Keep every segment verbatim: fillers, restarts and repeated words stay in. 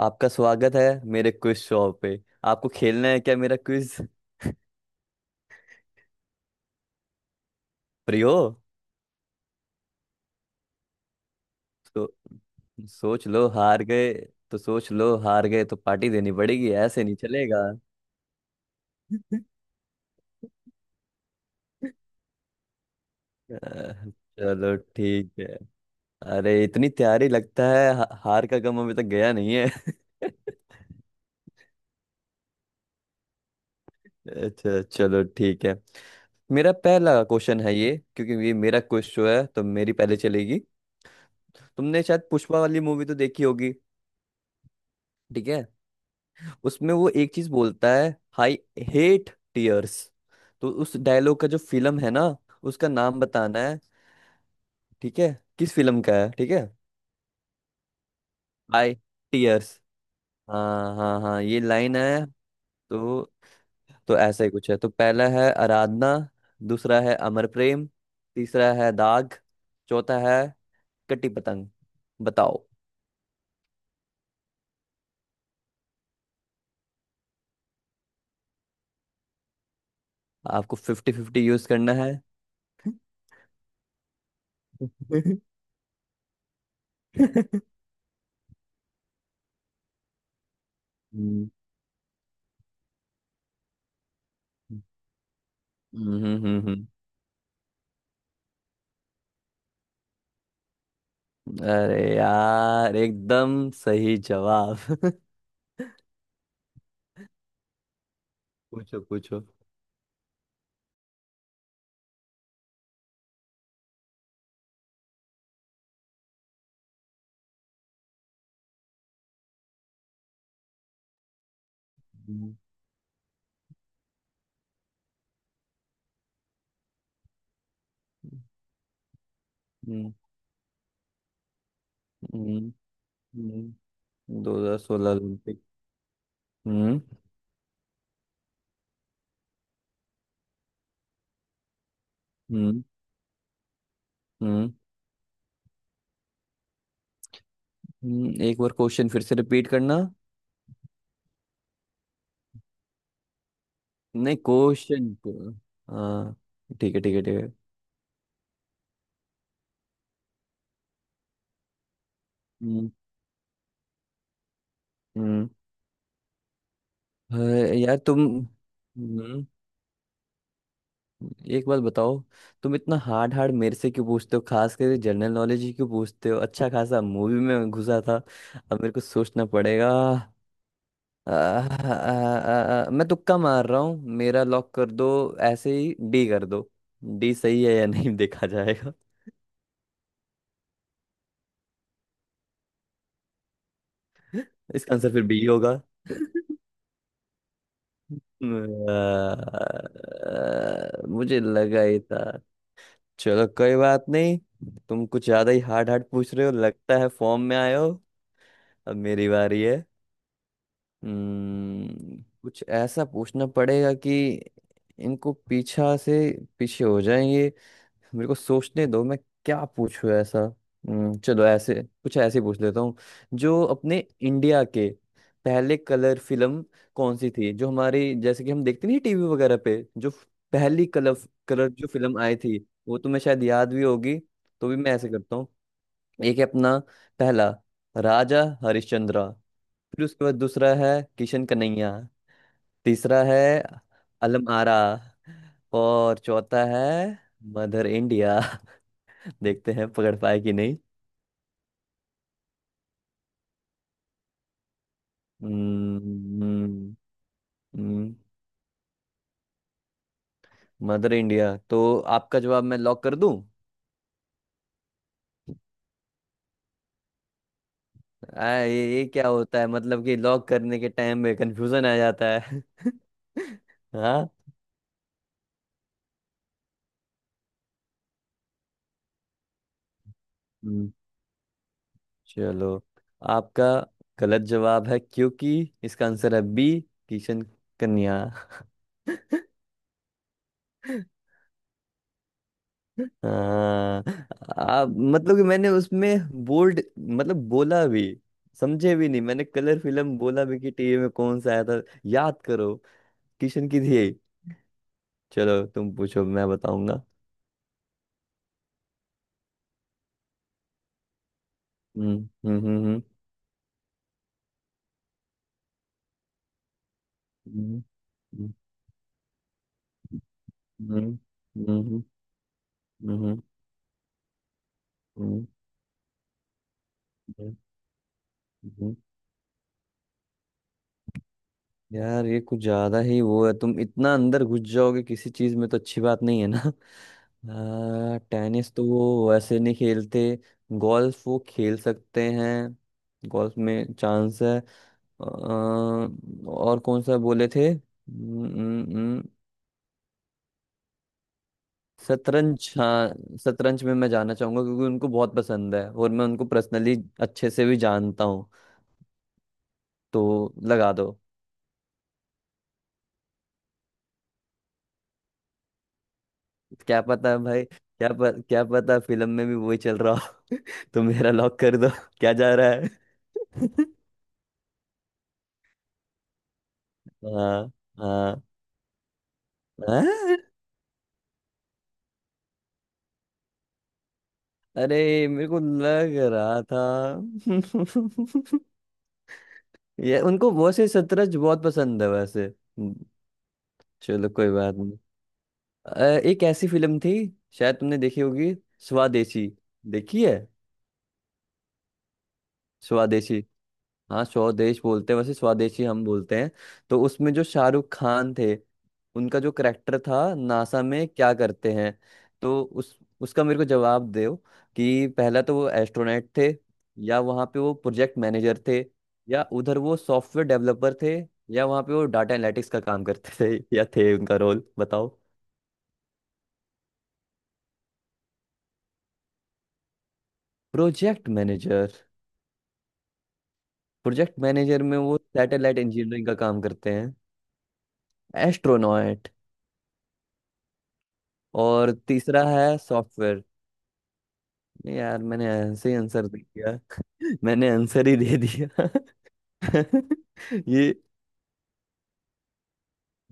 आपका स्वागत है मेरे क्विज शो पे। आपको खेलना है क्या मेरा क्विज फ्री हो। तो सोच लो हार गए तो सोच लो हार गए तो पार्टी देनी पड़ेगी, ऐसे नहीं चलेगा। अ, चलो ठीक है। अरे इतनी तैयारी लगता है हा- हार का गम अभी तक गया नहीं है। अच्छा चलो ठीक है। मेरा पहला क्वेश्चन है ये, क्योंकि ये मेरा क्विज शो है तो मेरी पहले चलेगी। तुमने शायद पुष्पा वाली मूवी तो देखी होगी। ठीक है। उसमें वो एक चीज बोलता है, आई हेट टीयर्स। तो उस डायलॉग का जो फिल्म है ना, उसका नाम बताना है। ठीक है। किस फिल्म का है, ठीक है। आई टीयर्स। हाँ हाँ हाँ, ये लाइन है। तो तो ऐसा ही कुछ है। तो पहला है आराधना। दूसरा है अमर प्रेम। तीसरा है दाग। चौथा है कटी पतंग। बताओ। आपको फिफ्टी फिफ्टी यूज करना है। हम्म, हम्म, हम्म, हम्म। अरे यार एकदम सही जवाब। पूछो पूछो। हम्म, हम्म, हम्म, हम्म। दो हज़ार सोलह ओलंपिक। हम्म, हम्म, हम्म, हम्म। एक बार क्वेश्चन फिर से रिपीट करना। नहीं, क्वेश्चन को। हाँ, ठीक है ठीक है ठीक है। हम्म, हम्म। अरे यार, तुम हम्म एक बात बताओ। तुम इतना हार्ड हार्ड मेरे से क्यों पूछते हो, खास कर जनरल नॉलेज ही क्यों पूछते हो, अच्छा खासा मूवी में घुसा था। अब मेरे को सोचना पड़ेगा। आ, आ, आ, मैं तुक्का मार रहा हूँ, मेरा लॉक कर दो। ऐसे ही डी कर दो। डी सही है या नहीं, देखा जाएगा। इसका आंसर फिर बी होगा। आ, मुझे लगा ही था। चलो, कोई बात नहीं। तुम कुछ ज्यादा ही हार्ड हार्ड पूछ रहे हो, लगता है फॉर्म में आए हो। अब मेरी बारी है। हम्म, कुछ ऐसा पूछना पड़ेगा कि इनको पीछा से पीछे हो जाएं। तो मेरे को सोचने दो, मैं क्या पूछूं ऐसा। हम्म, चलो ऐसे, कुछ ऐसे ही पूछ लेता हूँ। जो अपने इंडिया के पहले कलर फिल्म कौन सी थी, जो हमारी जैसे कि हम देखते नहीं टीवी वगैरह पे, जो पहली कलर कलर जो फिल्म आई थी, वो तुम्हें शायद याद भी होगी। तो भी मैं ऐसे करता हूँ। एक है अपना पहला, राजा हरिश्चंद्रा। फिर उसके बाद दूसरा है किशन कन्हैया। तीसरा है अलम आरा। और चौथा है मदर इंडिया। देखते हैं पकड़ पाए कि नहीं। हम्म हम्म हम्म, मदर इंडिया तो, आपका जवाब मैं लॉक कर दूं। आ, ये ये क्या होता है, मतलब कि लॉक करने के टाइम में कंफ्यूजन आ जाता है। हाँ। हम्म, चलो। आपका गलत जवाब है, क्योंकि इसका आंसर है बी, किशन कन्या। हाँ। आ, मतलब कि मैंने उसमें बोल्ड, मतलब बोला भी, समझे भी नहीं, मैंने कलर फिल्म बोला भी कि टीवी में कौन सा आया था, याद करो। किशन की थी ये। चलो तुम पूछो, मैं बताऊंगा। हम्म, हम्म, हम्म, हम्म, हम्म, हम्म, हम्म, हम्म, हम्म। यार ये कुछ ज्यादा ही वो है, तुम इतना अंदर घुस जाओगे किसी चीज में तो अच्छी बात नहीं है ना। हाँ, टेनिस तो वो वैसे नहीं खेलते। गोल्फ वो खेल सकते हैं। गोल्फ में चांस है। अ, और कौन सा बोले थे? हम्म, हम्म, हम्म, शतरंज, हाँ। शतरंज में मैं जाना चाहूंगा, क्योंकि उनको बहुत पसंद है और मैं उनको पर्सनली अच्छे से भी जानता हूँ। तो लगा दो। क्या पता है भाई, क्या प, क्या पता फिल्म में भी वही चल रहा हो। तो मेरा लॉक कर दो, क्या जा रहा है। हाँ हाँ, हाँ? अरे मेरे को लग रहा था। ये, उनको वैसे शतरंज बहुत पसंद है वैसे। हम्म, चलो कोई बात नहीं। अ, एक ऐसी फिल्म थी, शायद तुमने देखी होगी, स्वदेशी। देखी है। स्वदेशी। हाँ, स्वदेश बोलते हैं वैसे, स्वदेशी हम बोलते हैं। तो उसमें जो शाहरुख खान थे, उनका जो करेक्टर था, नासा में क्या करते हैं। तो उस उसका मेरे को जवाब दो। कि पहला तो वो एस्ट्रोनॉट थे। या वहाँ पे वो प्रोजेक्ट मैनेजर थे। या उधर वो सॉफ्टवेयर डेवलपर थे। या वहाँ पे वो डाटा एनालिटिक्स का काम करते थे, या थे उनका रोल, बताओ। Project manager. प्रोजेक्ट मैनेजर में वो सैटेलाइट इंजीनियरिंग का काम करते हैं। एस्ट्रोनॉट। और तीसरा है सॉफ्टवेयर। नहीं यार, मैंने ऐसे ही आंसर दे दिया, मैंने आंसर ही दे दिया। ये।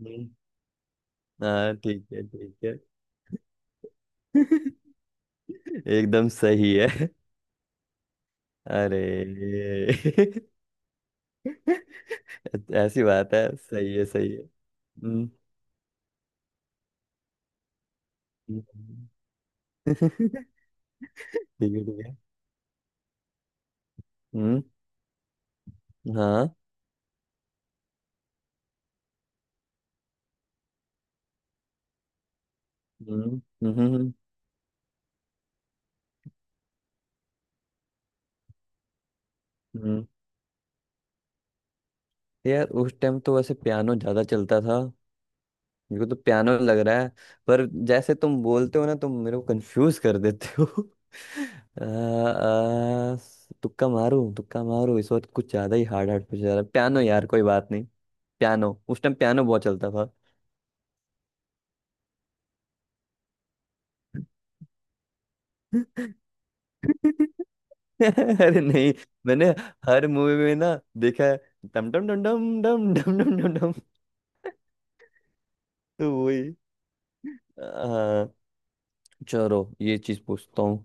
नहीं। हाँ ठीक है ठीक है। एकदम सही है। अरे। ऐसी बात है, सही है सही है। हम्म, हम्म। ठीक है ठीक है। हम्म। हाँ। हम्म, हम्म, हम्म, हम्म। यार उस टाइम तो वैसे पियानो ज्यादा चलता था। मेरे को तो पियानो लग रहा है। पर जैसे तुम बोलते हो ना, तुम मेरे को कंफ्यूज कर देते हो। अ, अ, तुक्का मारूं तुक्का मारूं, इस वक्त कुछ ज्यादा ही हार्ड हार्ड पूछ रहा, पियानो यार कोई बात नहीं। पियानो, उस टाइम पियानो बहुत चलता था। अरे नहीं, मैंने हर मूवी में ना देखा है, डम डम डम डम डम डम डम डम डम। तो वही, चलो ये चीज पूछता हूँ।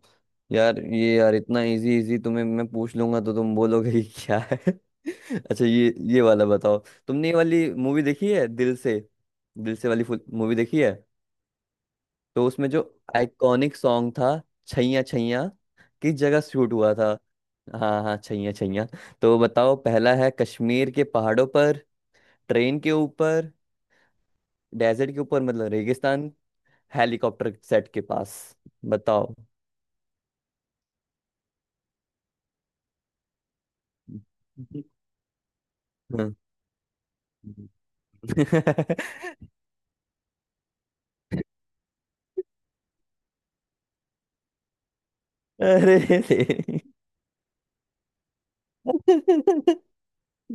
यार ये यार, इतना इजी इजी तुम्हें मैं पूछ लूंगा तो तुम बोलोगे ये क्या है। अच्छा, ये ये वाला बताओ। तुमने ये वाली मूवी देखी है, दिल से। दिल से वाली मूवी देखी है। तो उसमें जो आइकॉनिक सॉन्ग था, छैया छैया, किस जगह शूट हुआ था? हाँ हाँ, छैया छैया। तो बताओ, पहला है कश्मीर के पहाड़ों पर। ट्रेन के ऊपर। डेजर्ट के ऊपर, मतलब रेगिस्तान। हेलीकॉप्टर सेट के पास। बताओ। हम्म। अरे तेरी,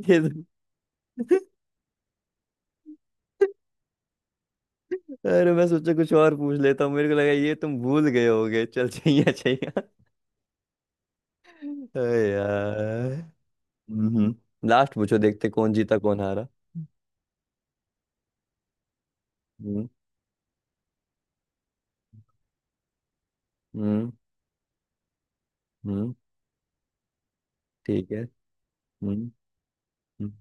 ये तो- अरे मैं सोचा कुछ और पूछ लेता हूँ, मेरे को लगा ये तुम भूल गए होगे, चल चाहिए चाहिए। अरे यार, हम्म, लास्ट पूछो, देखते कौन जीता कौन हारा। हम्म हम्म हम्म, ठीक है। हम्म, हम्म।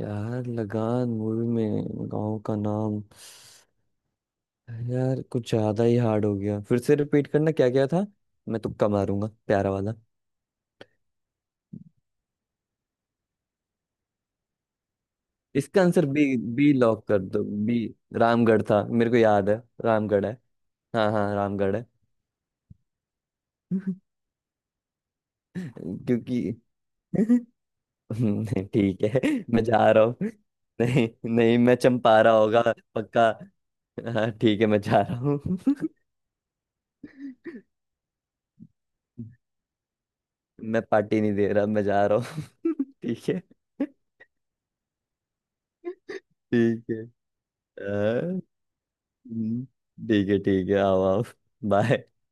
यार लगान मूवी में गांव का नाम, यार कुछ ज्यादा ही हार्ड हो गया, फिर से रिपीट करना क्या क्या था। मैं तुक्का मारूंगा प्यारा वाला। इसका आंसर बी, बी लॉक कर दो, बी। रामगढ़ था मेरे को याद है। रामगढ़ है। हाँ हाँ, रामगढ़ है। क्योंकि, नहीं, ठीक है। मैं जा रहा हूँ। नहीं नहीं, मैं, चंपारा होगा पक्का। हाँ ठीक है, मैं जा रहा हूँ। मैं पार्टी नहीं दे रहा, मैं जा रहा हूँ, ठीक है। ठीक है हाँ, हम्म, ठीक है ठीक है, आओ आओ। बाय।